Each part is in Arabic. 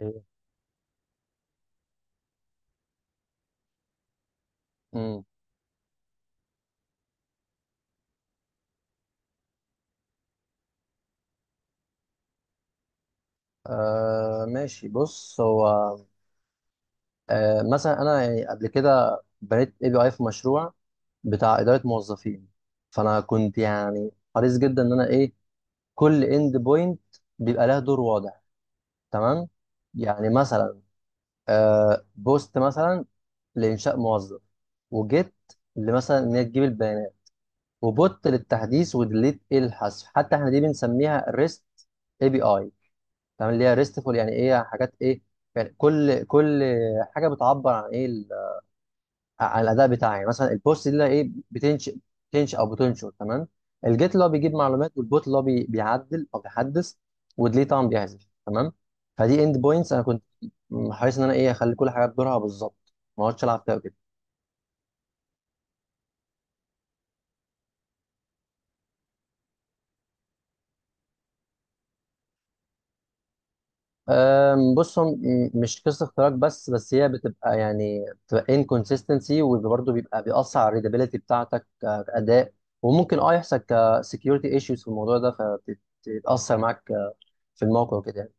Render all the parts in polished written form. إيه؟ مم. آه ماشي بص هو آه مثلا انا يعني قبل كده بنيت اي بي اي في مشروع بتاع اداره موظفين. فانا كنت يعني حريص جدا ان انا ايه، كل اند بوينت بيبقى لها دور واضح، تمام. يعني مثلا بوست مثلا لانشاء موظف، وجيت لمثلا ان هي تجيب البيانات، وبوت للتحديث، وديليت إيه الحذف. حتى احنا دي بنسميها ريست اي بي اي، تمام، اللي هي ريستفول. يعني ايه حاجات ايه، يعني كل حاجه بتعبر عن ايه عن الاداء بتاعي. يعني مثلا البوست دي اللي هي ايه بتنشئ، بتنشئ او بتنشر، تمام. الجيت اللي هو بيجيب معلومات، والبوت اللي هو بيعدل او بيحدث، وديليت طبعا بيحذف، تمام. فدي اند بوينتس انا كنت حريص ان انا ايه اخلي كل حاجه بدورها بالظبط، ما اقعدش العب فيها وكده. بص، مش قصه اختراق، بس هي بتبقى بتبقى انكونسيستنسي، وبرضه بيبقى بيأثر على الريدابيلتي بتاعتك كأداء، وممكن يحصل كسكيورتي ايشوز في الموضوع ده فبتتأثر معاك في الموقع وكده يعني.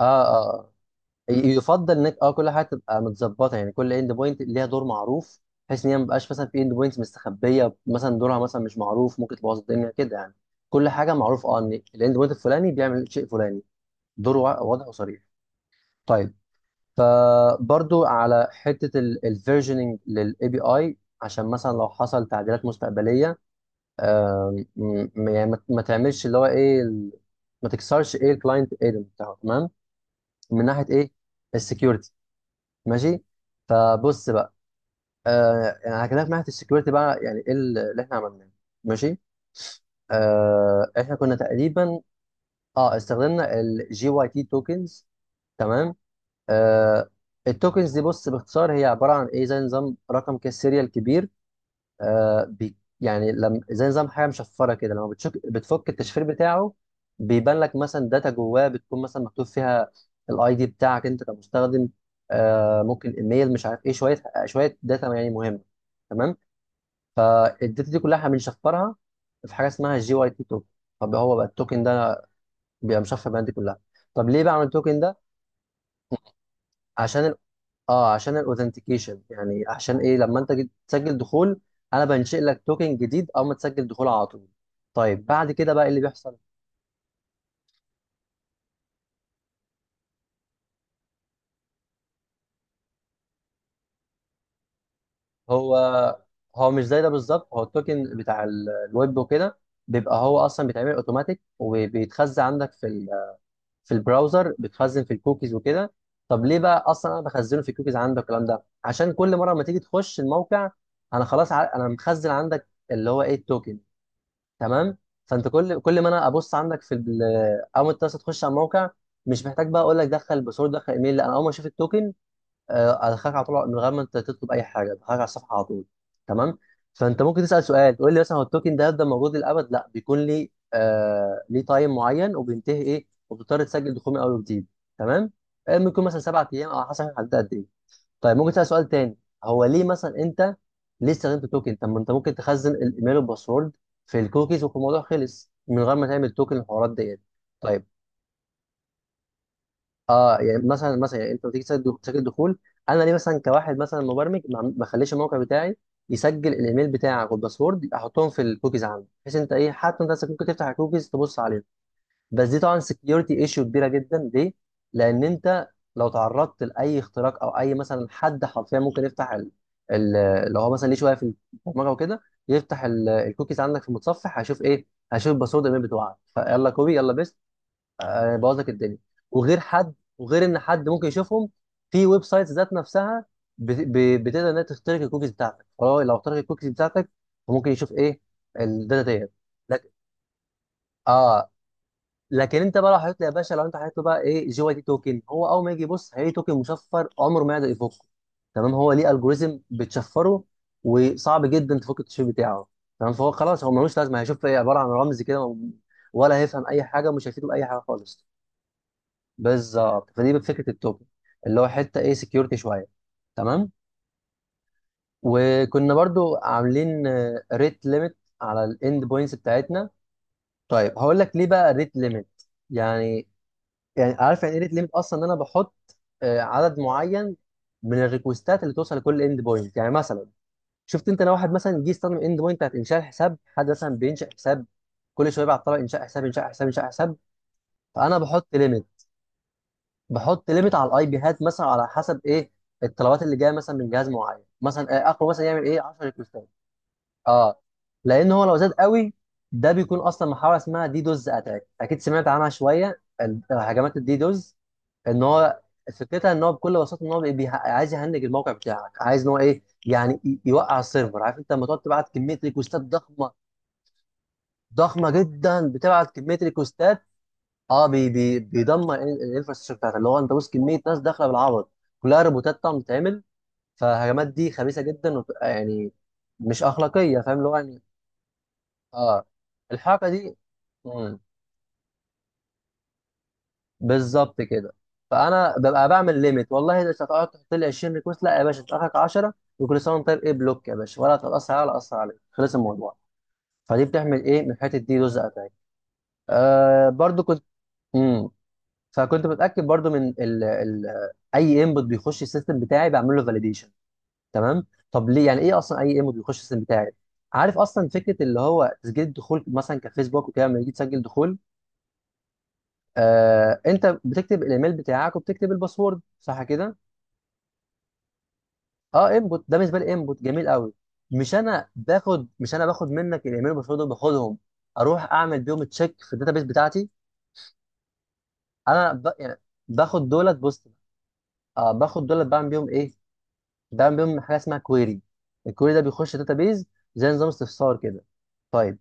اه اه آه. يفضل انك كل حاجه تبقى متظبطه، يعني كل اند بوينت ليها دور معروف، بحيث ان هي ما بقاش مثلا في اند بوينتس مستخبيه مثلا دورها مثلا مش معروف، ممكن تبوظ الدنيا كده يعني. كل حاجه معروف ان الاند بوينت الفلاني بيعمل شيء فلاني، دوره واضح وصريح. طيب، فبرضو على حته الفيرجننج للاي بي اي عشان مثلا لو حصل تعديلات مستقبليه يعني ما تعملش اللي هو ايه ما تكسرش ايه الكلاينت ايدن بتاعه، تمام، من ناحيه ايه السكيورتي. ماشي، فبص بقى. يعني هكلمك من ناحيه السكيورتي بقى. يعني ايه اللي احنا عملناه، ماشي. احنا كنا تقريبا اه استخدمنا الجي واي تي توكنز، تمام. آه التوكنز دي بص باختصار هي عباره عن ايه، زي نظام رقم كده، سيريال كبير. آه بي يعني لما زي نظام حاجه مشفره كده، لما بتشك بتفك التشفير بتاعه بيبان لك مثلا داتا جواه بتكون مثلا مكتوب فيها الاي دي بتاعك انت كمستخدم، ممكن ايميل، مش عارف ايه، شويه شويه داتا يعني مهمه، تمام. فالداتا دي كلها احنا بنشفرها في حاجه اسمها جي واي تي توكن. طب هو بقى التوكن ده بيبقى مشفر بالداتا دي كلها. طب ليه بعمل التوكن ده؟ عشان اه عشان الاوثنتيكيشن، يعني عشان ايه لما انت تسجل دخول انا بنشئ لك توكن جديد اول ما تسجل دخول على طول. طيب بعد كده بقى إيه اللي بيحصل؟ هو هو مش زي ده بالظبط، هو التوكن بتاع الويب وكده بيبقى هو اصلا بيتعمل اوتوماتيك، وبيتخزن عندك في في البراوزر، بيتخزن في الكوكيز وكده. طب ليه بقى اصلا انا بخزنه في الكوكيز عندك الكلام ده؟ عشان كل مره ما تيجي تخش الموقع انا خلاص انا مخزن عندك اللي هو ايه التوكن، تمام. فانت كل ما انا ابص عندك في اول ما انت بس تخش على الموقع، مش محتاج بقى اقول لك دخل باسورد دخل ايميل، لا، انا اول ما اشوف التوكن ادخلك على طول من غير ما انت تطلب اي حاجه، ادخلك على الصفحه على طول، تمام. فانت ممكن تسال سؤال تقول لي مثلا، هو التوكن ده هيفضل موجود للابد؟ لا، بيكون لي ليه تايم معين وبينتهي ايه، وبتضطر تسجل دخول من اول وجديد، تمام. ممكن يكون مثلا سبع ايام، او على حسب هتحدد قد ايه. طيب ممكن اسال سؤال تاني، هو ليه مثلا انت استخدمت توكن؟ طب ما انت ممكن تخزن الايميل والباسورد في الكوكيز وفي الموضوع خلص من غير ما تعمل توكن الحوارات ديت. طيب، اه يعني مثلا يعني انت لما تيجي تسجل دخول، انا ليه مثلا كواحد مثلا مبرمج ما اخليش الموقع بتاعي يسجل الايميل بتاعك والباسورد احطهم في الكوكيز عندي، بحيث انت ايه حتى انت نفسك ممكن تفتح الكوكيز تبص عليهم؟ بس دي طبعا سكيورتي ايشيو كبيره جدا. ليه؟ لان انت لو تعرضت لاي اختراق، او اي مثلا حد حرفيا ممكن يفتح ال... لو هو مثلا ليه شويه في البرمجه وكده، يفتح الكوكيز عندك في المتصفح، هيشوف ايه؟ هيشوف الباسورد الايميل بتوعك، فيلا كوبي يلا بيست، بوظ لك الدنيا. وغير ان حد ممكن يشوفهم في ويب سايتس ذات نفسها بتقدر انها تخترق الكوكيز بتاعتك، فهو لو اخترق الكوكيز بتاعتك فممكن يشوف ايه الداتا ديت. لك- اه لكن انت بقى لو حطيت له يا باشا، لو انت حطيت له بقى ايه جي واي تي توكن، هو اول ما يجي يبص هيلاقي توكن مشفر عمره ما يقدر يفكه، تمام، هو ليه الجوريزم بتشفره، وصعب جدا تفك التشفير بتاعه، تمام. فهو خلاص هو ملوش لازمه، هيشوف ايه، عباره عن رمز كده، ولا هيفهم اي حاجه، مش هيفيده باي حاجه خالص. بالظبط، فدي فكره التوكن اللي هو حته ايه سكيورتي شويه، تمام. وكنا برضو عاملين ريت ليميت على الاند بوينتس بتاعتنا. طيب هقول لك ليه بقى ريت ليميت. يعني يعني عارف يعني ايه ريت ليميت اصلا؟ ان انا بحط عدد معين من الريكوستات اللي توصل لكل اند بوينت. يعني مثلا شفت انت لو واحد مثلا جه يستخدم اند بوينت بتاعت انشاء الحساب، حد مثلا بينشا حساب كل شويه، بيبعت طلب انشاء حساب انشاء حساب انشاء حساب، فانا بحط ليميت. بحط ليميت على الاي بي، هات مثلا على حسب ايه الطلبات اللي جايه مثلا من جهاز معين، مثلا اخره مثلا يعمل ايه 10 ريكوستات. اه لان هو لو زاد قوي ده بيكون اصلا محاوله اسمها دي دوز اتاك، اكيد سمعت عنها شويه هجمات الدي دوز، ان هو فكرتها ان هو بكل بساطه ان هو عايز يهنج الموقع بتاعك، عايز ان هو ايه يعني يوقع السيرفر. عارف انت لما تقعد تبعت كميه ريكوستات ضخمه، ضخمه جدا، بتبعت كميه ريكوستات، اه بي بي بيدمر الانفراستراكشر بتاعتك. اللي هو انت بص كميه ناس داخله بالعبط، كلها روبوتات طبعا بتتعمل، فالهجمات دي خبيثه جدا، وبتبقى يعني مش اخلاقيه، فاهم اللي هو يعني. اه الحركه دي، مم، بالظبط كده. فانا ببقى بعمل ليميت، والله اذا هتقعد تحط لي 20 ريكوست، لا يا باشا اخرك 10، وكل سنه وانت طيب ايه، بلوك يا باشا، ولا تتاثر عليا ولا اثر عليك، خلص الموضوع. فدي بتعمل ايه من الحته دي جزء اتاك. آه برضو كنت امم فكنت متاكد برضو من اي انبوت بيخش السيستم بتاعي بعمل له فاليديشن، تمام. طب ليه؟ يعني ايه اصلا اي انبوت بيخش السيستم بتاعي؟ عارف اصلا فكره اللي هو تسجيل الدخول مثلا كفيسبوك وكده، لما يجي تسجل دخول، انت بتكتب الايميل بتاعك وبتكتب الباسورد، صح كده؟ اه انبوت ده بالنسبه لي انبوت جميل قوي. مش انا باخد منك الايميل والباسورد، باخدهم اروح اعمل بيهم تشيك في الداتابيس بتاعتي. يعني باخد دولت بوست، باخد دولت بعمل بيهم ايه، بعمل بيهم حاجه اسمها كويري. الكويري ده بيخش داتابيس، زي نظام استفسار كده. طيب،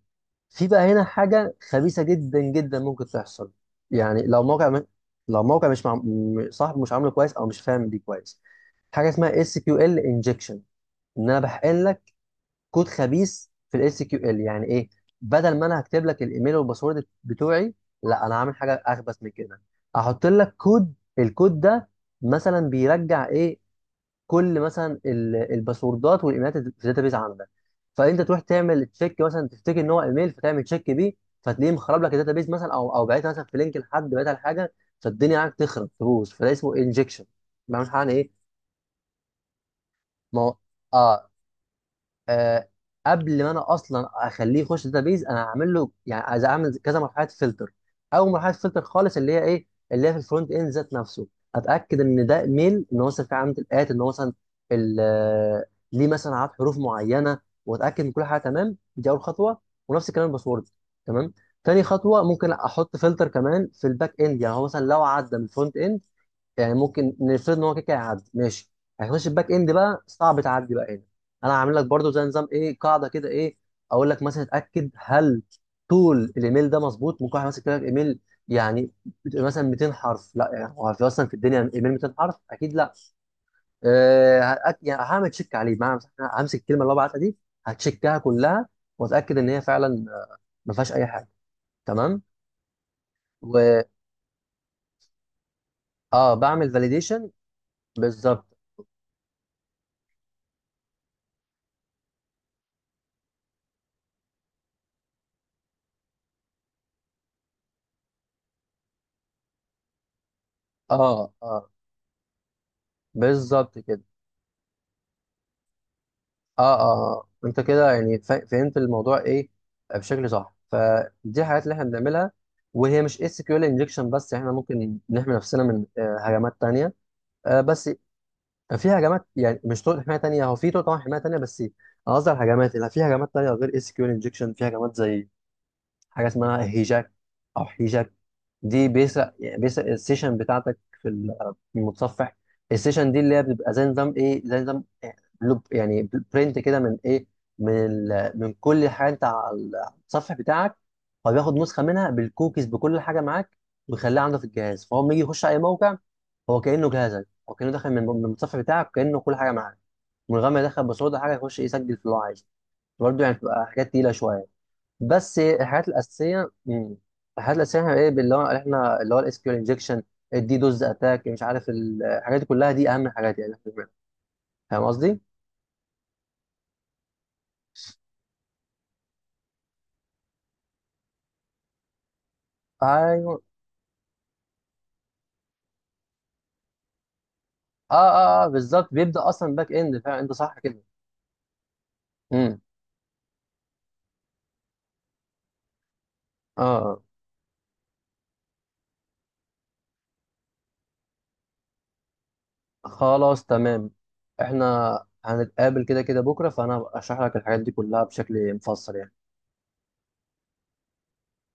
في بقى هنا حاجة خبيثة جدا جدا ممكن تحصل. يعني لو موقع مش مع... م- صاحبه مش عامله كويس او مش فاهم دي كويس، حاجة اسمها اس كيو ال انجكشن، ان انا بحقن لك كود خبيث في الاس كيو ال. يعني ايه؟ بدل ما انا هكتب لك الايميل والباسورد بتوعي، لا، انا هعمل حاجة اخبث من كده، هحط لك كود. الكود ده مثلا بيرجع ايه؟ كل مثلا الباسوردات والايميلات اللي في الداتابيز عندك. فانت تروح تعمل تشيك مثلا، تفتكر ان هو ايميل فتعمل تشيك بيه، فتلاقيه مخرب لك الداتابيز مثلا، او بعتها مثلا في لينك لحد، بعتها لحاجه، فالدنيا عندك تخرب تبوظ. فده اسمه انجكشن، بعمل حاجه ايه. ما هو اه آه قبل ما انا اصلا اخليه يخش داتابيز، انا هعمل له يعني عايز اعمل كذا مرحله فلتر. اول مرحله فلتر خالص اللي هي ايه، اللي هي في الفرونت اند ذات نفسه، اتاكد ان ده ميل، ان هو مثلا في علامه الات، ان هو مثلا ال- آه، ليه مثلا عدد حروف معينه، واتاكد ان كل حاجه تمام. دي اول خطوه، ونفس الكلام الباسورد، تمام. تاني خطوه ممكن احط فلتر كمان في الباك اند. يعني هو مثلا لو عدى من الفرونت اند، يعني ممكن نفرض ان هو كده كده هيعدي، ماشي، هيخش الباك اند بقى، صعب تعدي بقى هنا. انا عامل لك برضو زي نظام ايه، قاعده كده ايه، اقول لك مثلا اتاكد هل طول الايميل ده مظبوط. ممكن واحد ماسك لك ايميل يعني مثلا 200 حرف؟ لا، يعني هو في اصلا في الدنيا ايميل 200 حرف؟ اكيد لا. يعني هعمل تشيك عليه معنى، همسك الكلمه اللي هو بعتها دي، هتشيكها كلها، واتاكد ان هي فعلا ما فيهاش اي حاجه، تمام. و اه بعمل فاليديشن، بالظبط. اه اه بالظبط كده. انت كده يعني فهمت الموضوع ايه بشكل صح. فدي الحاجات اللي احنا بنعملها، وهي مش اس كيو ال انجكشن بس، احنا ممكن نحمي نفسنا من هجمات تانية. بس في هجمات، يعني مش طرق حمايه تانية، هو في طرق طبعا حمايه تانية، بس انا قصدي على الهجمات، اللي في هجمات تانية غير اس كيو ال انجكشن. في هجمات زي حاجه اسمها هيجاك او هيجاك، دي بيسرق يعني بيسرق السيشن بتاعتك في في المتصفح. السيشن دي اللي هي بتبقى زي نظام ايه، زي نظام لوب يعني، برنت كده من ايه، من من كل حاجه انت على التصفح بتاعك، هو بياخد نسخه منها بالكوكيز بكل حاجه معاك، ويخليها عنده في الجهاز. فهو لما يجي يخش اي موقع، هو كانه جهازك، هو كانه داخل من المتصفح بتاعك، كانه كل حاجه معاك، من غير ما يدخل باسورد حاجه، يخش يسجل في اللي هو عايزه. برضه يعني بتبقى حاجات تقيله شويه، بس الحاجات الاساسيه، مم، الحاجات الاساسيه احنا ايه، اللي هو احنا اللي هو الاس كيو ال انجكشن، الدي دوز اتاك، مش عارف الحاجات دي كلها، دي اهم حاجات يعني احنا بنعملها. فاهم قصدي؟ ايوه. بالظبط، بيبدا اصلا باك اند فعلا، انت صح كده. امم اه آه. خلاص تمام، احنا هنتقابل كده كده بكره، فانا هبقى اشرح لك الحاجات دي كلها بشكل مفصل يعني.